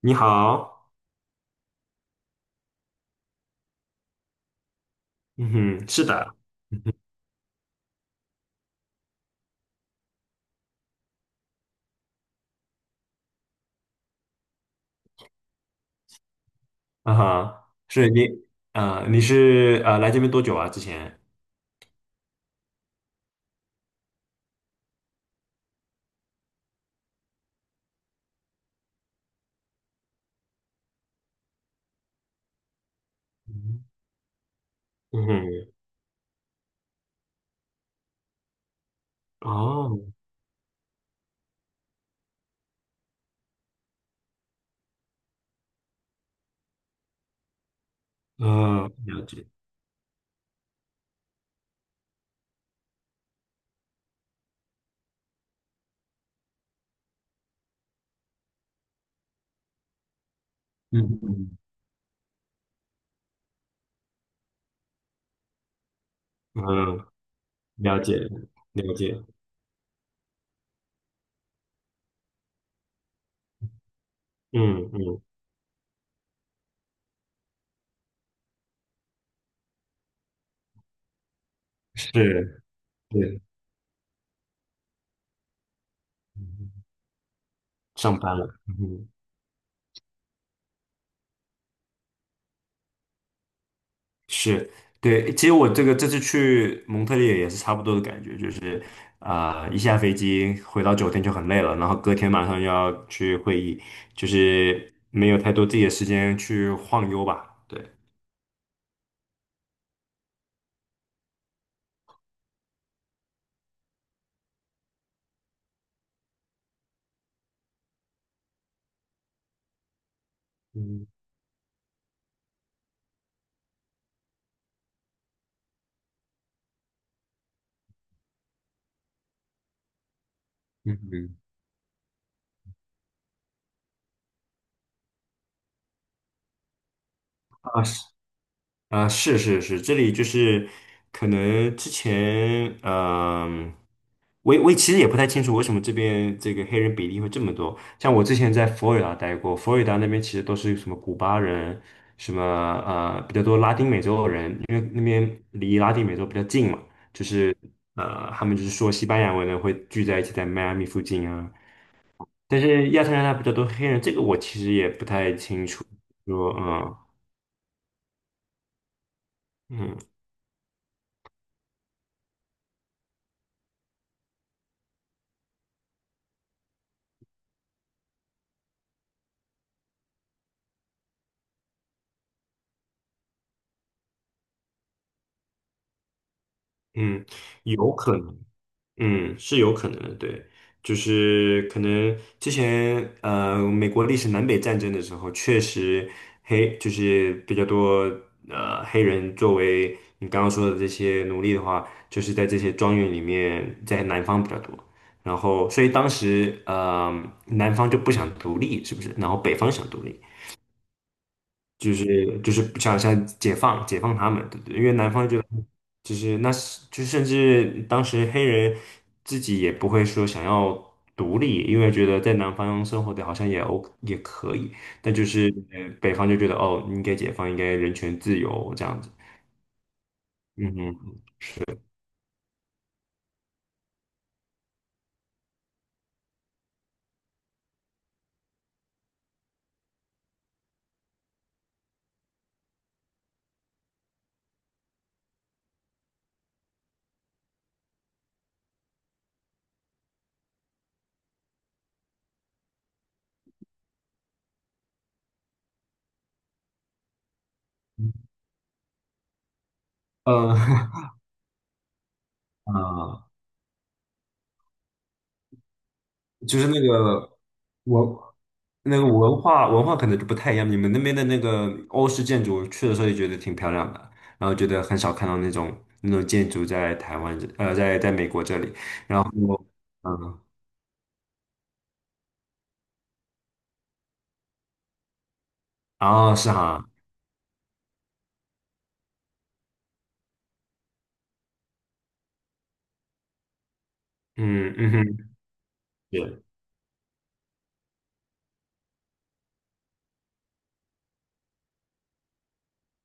你好。嗯哼，是的。啊哈，是你。啊，你是啊，来这边多久啊？之前？嗯，嗯哼。哦。嗯，了解。嗯嗯嗯，了解了解。嗯嗯，是，对。上班了，嗯哼。是，对，其实我这个这次去蒙特利尔也是差不多的感觉，就是一下飞机回到酒店就很累了，然后隔天马上又要去会议，就是没有太多自己的时间去晃悠吧。对，嗯嗯嗯。啊是，啊是是是，这里就是可能之前嗯。我也其实也不太清楚为什么这边这个黑人比例会这么多。像我之前在佛罗里达待过，佛罗里达那边其实都是什么古巴人，什么比较多拉丁美洲人，因为那边离拉丁美洲比较近嘛，就是他们就是说西班牙文的会聚在一起在迈阿密附近啊。但是亚特兰大比较多黑人，这个我其实也不太清楚。说嗯嗯嗯，有可能。嗯，是有可能的，对，就是可能之前,美国历史南北战争的时候，确实黑就是比较多呃黑人作为你刚刚说的这些奴隶的话，就是在这些庄园里面，在南方比较多，然后所以当时南方就不想独立，是不是？然后北方想独立，就是不想解放他们，对不对？因为南方就就是那是就甚至当时黑人自己也不会说想要独立，因为觉得在南方生活的好像也 O 也可以，但就是北方就觉得哦，应该解放，应该人权自由这样子。嗯哼，呃 啊，就是文那个文化可能就不太一样，你们那边的那个欧式建筑，去的时候也觉得挺漂亮的，然后觉得很少看到那种那种建筑在台湾这在在美国这里，然后。嗯，哦，是哈。嗯，嗯哼。是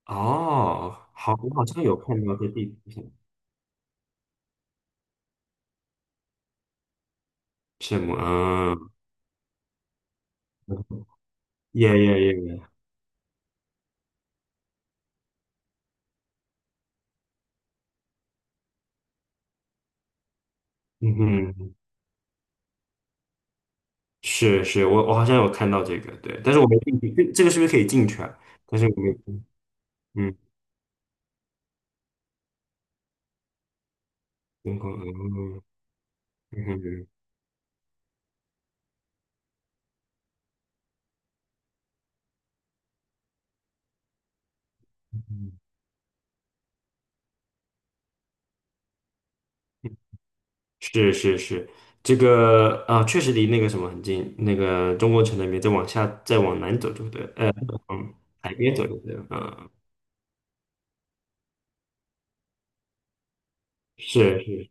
哦，好，我好像有看到这地图上。什么，嗯。耶耶耶，嗯哼。是是，我好像有看到这个，对，但是我没进去，这个是不是可以进去啊？但是我没，嗯，天空，嗯，嗯哼。是是是，这个啊，确实离那个什么很近，那个中国城那边再往下，再往南走就对了。往海边走就对了，嗯，是是。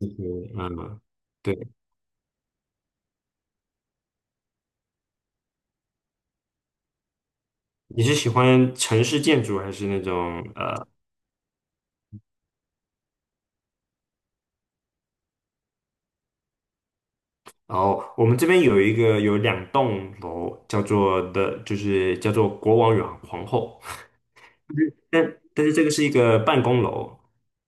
是，嗯。对。你是喜欢城市建筑还是那种？然后我们这边有一个有两栋楼，叫做的，就是叫做国王与皇后。但是这个是一个办公楼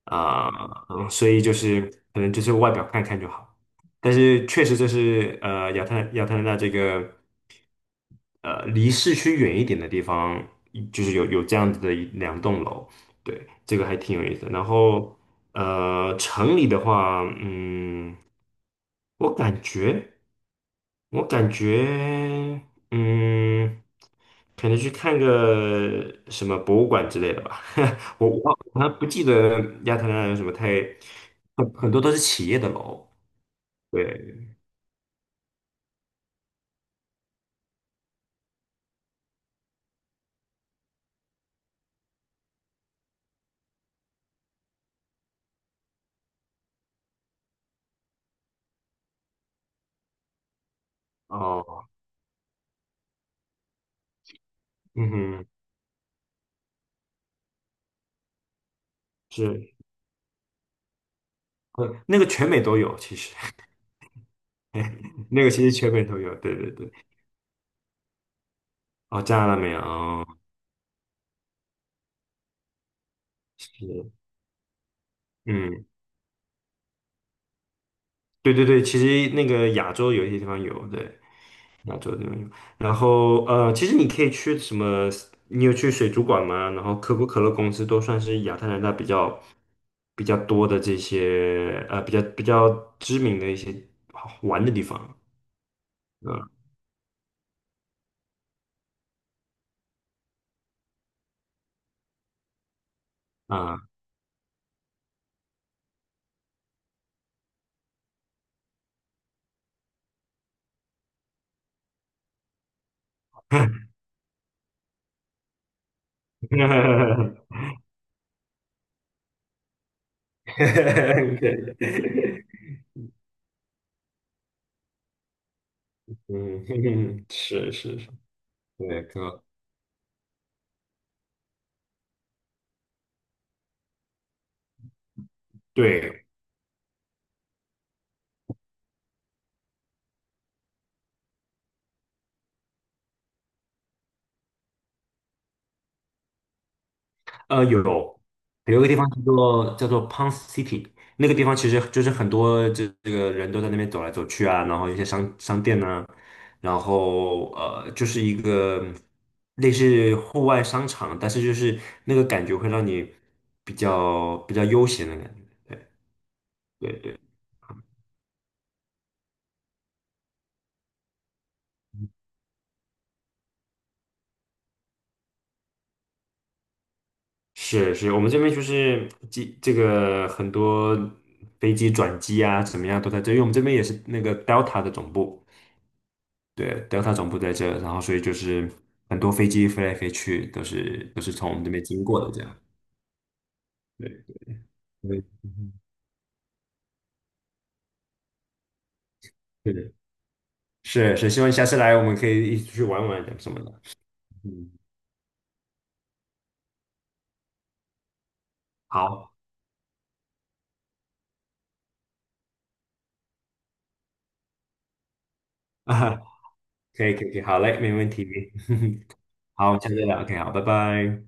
啊，嗯，所以就是可能就是外表看看就好，但是确实这是亚特兰大这个离市区远一点的地方，就是有这样子的一两栋楼，对，这个还挺有意思的。然后城里的话，嗯。我感觉，我感觉，嗯，可能去看个什么博物馆之类的吧。我好像不记得亚特兰大有什么太，很很多都是企业的楼。对，哦，嗯哼。是，那个全美都有，其实 那个其实全美都有。对对对，哦，加拿大没有，哦。是，嗯。对对对，其实那个亚洲有一些地方有，对，亚洲地方有。然后其实你可以去什么？你有去水族馆吗？然后可口可乐公司都算是亚特兰大比较比较多的这些比较比较知名的一些好玩的地方。嗯，啊，对。嗯，是是是。对，可，对，有，有一个地方叫做叫做 Pond City,那个地方其实就是很多这个人都在那边走来走去啊，然后一些商商店呢，然后就是一个类似户外商场，但是就是那个感觉会让你比较比较悠闲的感觉。对对对，是是，我们这边就是机这个很多飞机转机啊，怎么样都在这，因为我们这边也是那个 Delta 的总部。对，Delta 总部在这，然后所以就是很多飞机飞来飞去，都是从我们这边经过的这样。对。对，嗯，是是是希望你下次来我们可以一起出去玩玩什么的。嗯，好， 啊，可以可以可以，好嘞，没问题。好，下次再聊，OK,好，拜拜。